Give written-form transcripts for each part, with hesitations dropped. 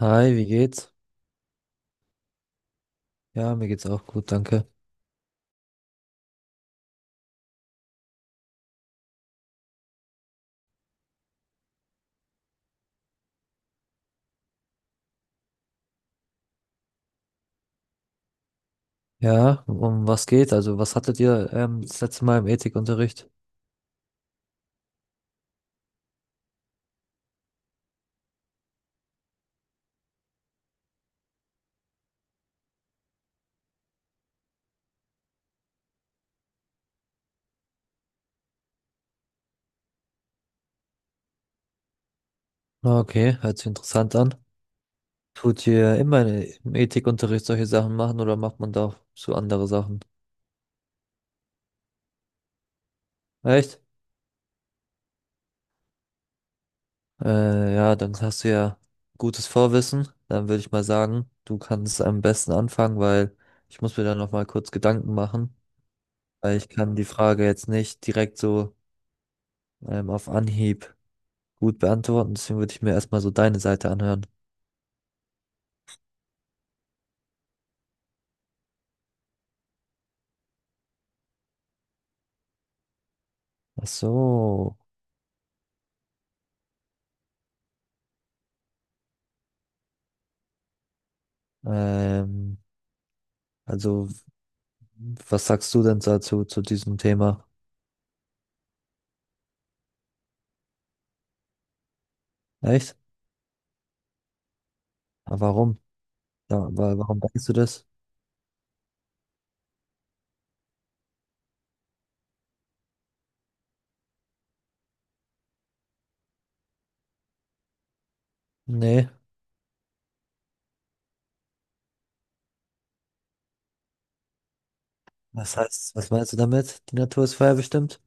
Hi, wie geht's? Ja, mir geht's auch gut, danke. Ja, um was geht? Also, was hattet ihr das letzte Mal im Ethikunterricht? Ah, okay, hört sich interessant an. Tut ihr immer im Ethikunterricht solche Sachen machen oder macht man da auch so andere Sachen? Echt? Ja, dann hast du ja gutes Vorwissen. Dann würde ich mal sagen, du kannst am besten anfangen, weil ich muss mir da noch mal kurz Gedanken machen, weil ich kann die Frage jetzt nicht direkt so auf Anhieb gut beantworten. Deswegen würde ich mir erstmal so deine Seite anhören. Ach so, ähm, also was sagst du denn dazu, zu diesem Thema? Echt? Aber warum? Ja, warum denkst du das? Nee. Was heißt, was meinst du damit? Die Natur ist vorherbestimmt?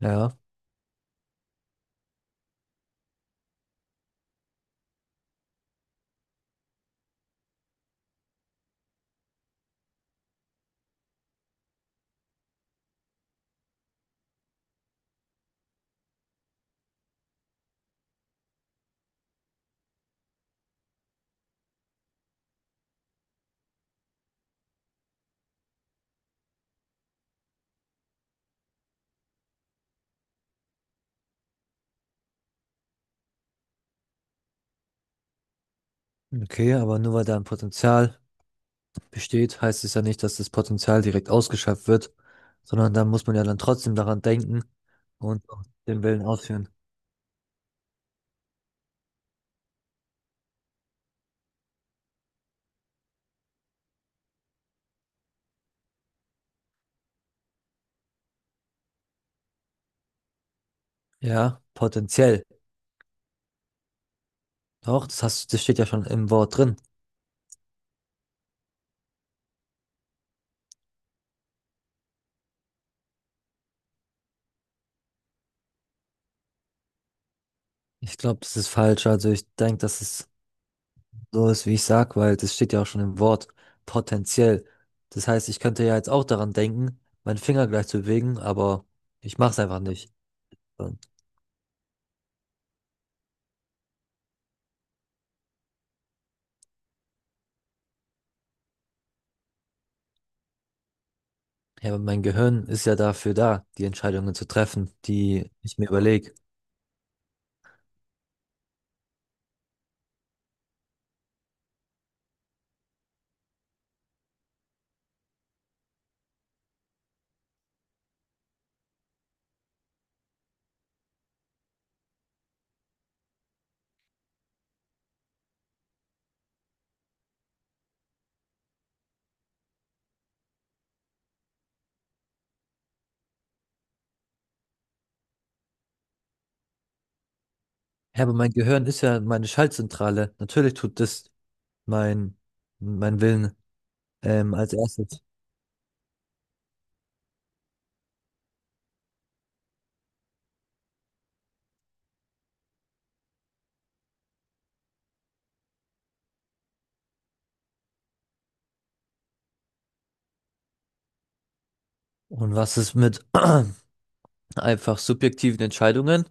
Ja, okay, aber nur weil da ein Potenzial besteht, heißt es ja nicht, dass das Potenzial direkt ausgeschöpft wird, sondern da muss man ja dann trotzdem daran denken und auch den Willen ausführen. Ja, potenziell. Doch, das hast, das steht ja schon im Wort drin. Ich glaube, das ist falsch. Also ich denke, dass es so ist, wie ich sag, weil das steht ja auch schon im Wort, potenziell. Das heißt, ich könnte ja jetzt auch daran denken, meinen Finger gleich zu bewegen, aber ich mach's einfach nicht. Und, ja, aber mein Gehirn ist ja dafür da, die Entscheidungen zu treffen, die ich mir überlege. Ja, aber mein Gehirn ist ja meine Schaltzentrale. Natürlich tut das mein, mein Willen als erstes. Und was ist mit einfach subjektiven Entscheidungen?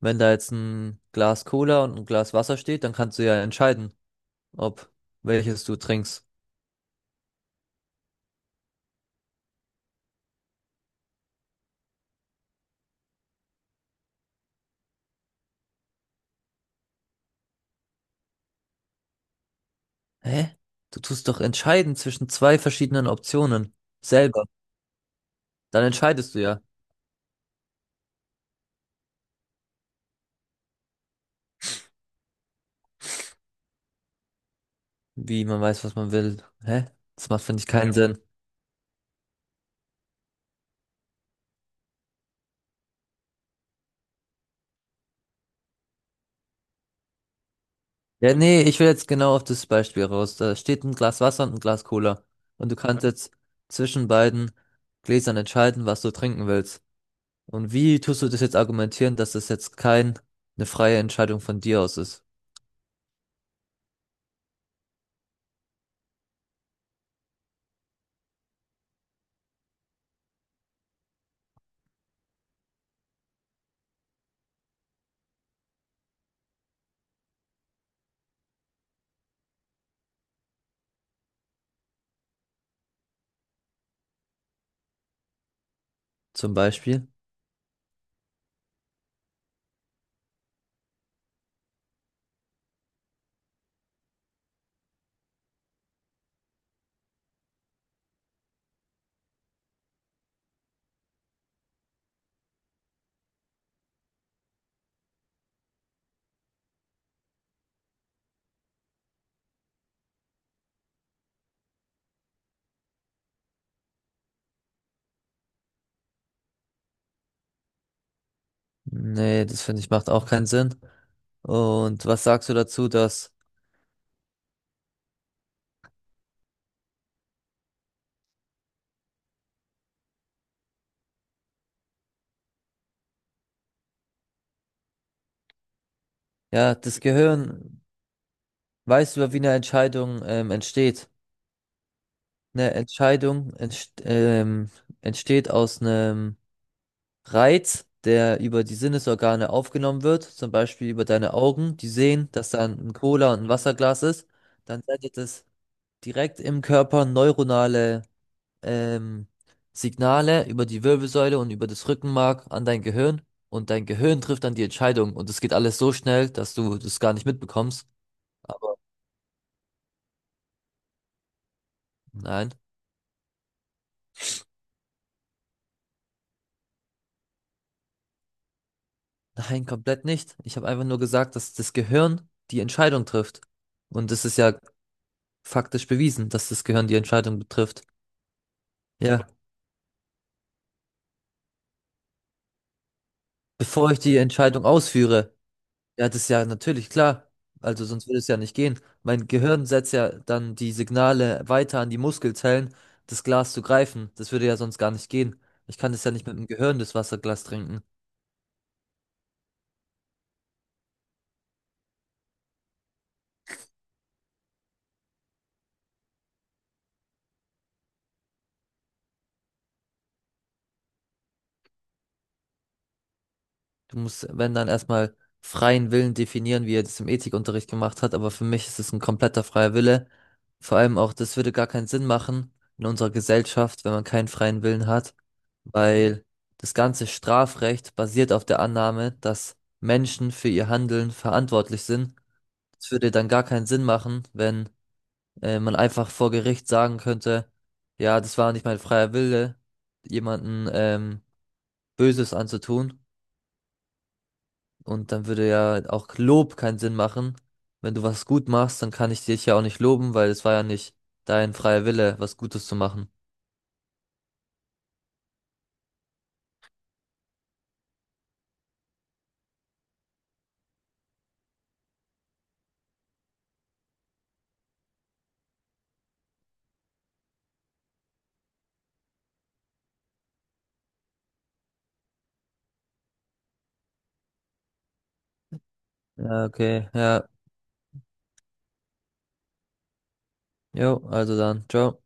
Wenn da jetzt ein Glas Cola und ein Glas Wasser steht, dann kannst du ja entscheiden, ob, welches du trinkst. Hä? Du tust doch entscheiden zwischen zwei verschiedenen Optionen. Selber. Dann entscheidest du ja, wie man weiß, was man will. Hä? Das macht, finde ich, keinen Sinn. Ja, nee, ich will jetzt genau auf das Beispiel raus. Da steht ein Glas Wasser und ein Glas Cola. Und du kannst jetzt zwischen beiden Gläsern entscheiden, was du trinken willst. Und wie tust du das jetzt argumentieren, dass das jetzt kein, eine freie Entscheidung von dir aus ist? Zum Beispiel? Nee, das finde ich macht auch keinen Sinn. Und was sagst du dazu, dass ja, das Gehirn weiß über, wie eine Entscheidung entsteht. Eine Entscheidung entst entsteht aus einem Reiz, der über die Sinnesorgane aufgenommen wird, zum Beispiel über deine Augen, die sehen, dass da ein Cola und ein Wasserglas ist. Dann sendet es direkt im Körper neuronale ähm, Signale über die Wirbelsäule und über das Rückenmark an dein Gehirn. Und dein Gehirn trifft dann die Entscheidung. Und es geht alles so schnell, dass du das gar nicht mitbekommst. Aber nein. Nein, komplett nicht. Ich habe einfach nur gesagt, dass das Gehirn die Entscheidung trifft. Und es ist ja faktisch bewiesen, dass das Gehirn die Entscheidung betrifft. Ja, bevor ich die Entscheidung ausführe, ja, das ist ja natürlich klar. Also sonst würde es ja nicht gehen. Mein Gehirn setzt ja dann die Signale weiter an die Muskelzellen, das Glas zu greifen. Das würde ja sonst gar nicht gehen. Ich kann das ja nicht mit dem Gehirn, das Wasserglas trinken. Du musst, wenn dann erstmal freien Willen definieren, wie er das im Ethikunterricht gemacht hat, aber für mich ist es ein kompletter freier Wille. Vor allem auch, das würde gar keinen Sinn machen in unserer Gesellschaft, wenn man keinen freien Willen hat, weil das ganze Strafrecht basiert auf der Annahme, dass Menschen für ihr Handeln verantwortlich sind. Es würde dann gar keinen Sinn machen, wenn man einfach vor Gericht sagen könnte, ja, das war nicht mein freier Wille, jemanden Böses anzutun. Und dann würde ja auch Lob keinen Sinn machen. Wenn du was gut machst, dann kann ich dich ja auch nicht loben, weil es war ja nicht dein freier Wille, was Gutes zu machen. Ja, okay, ja, jo, also dann, ciao.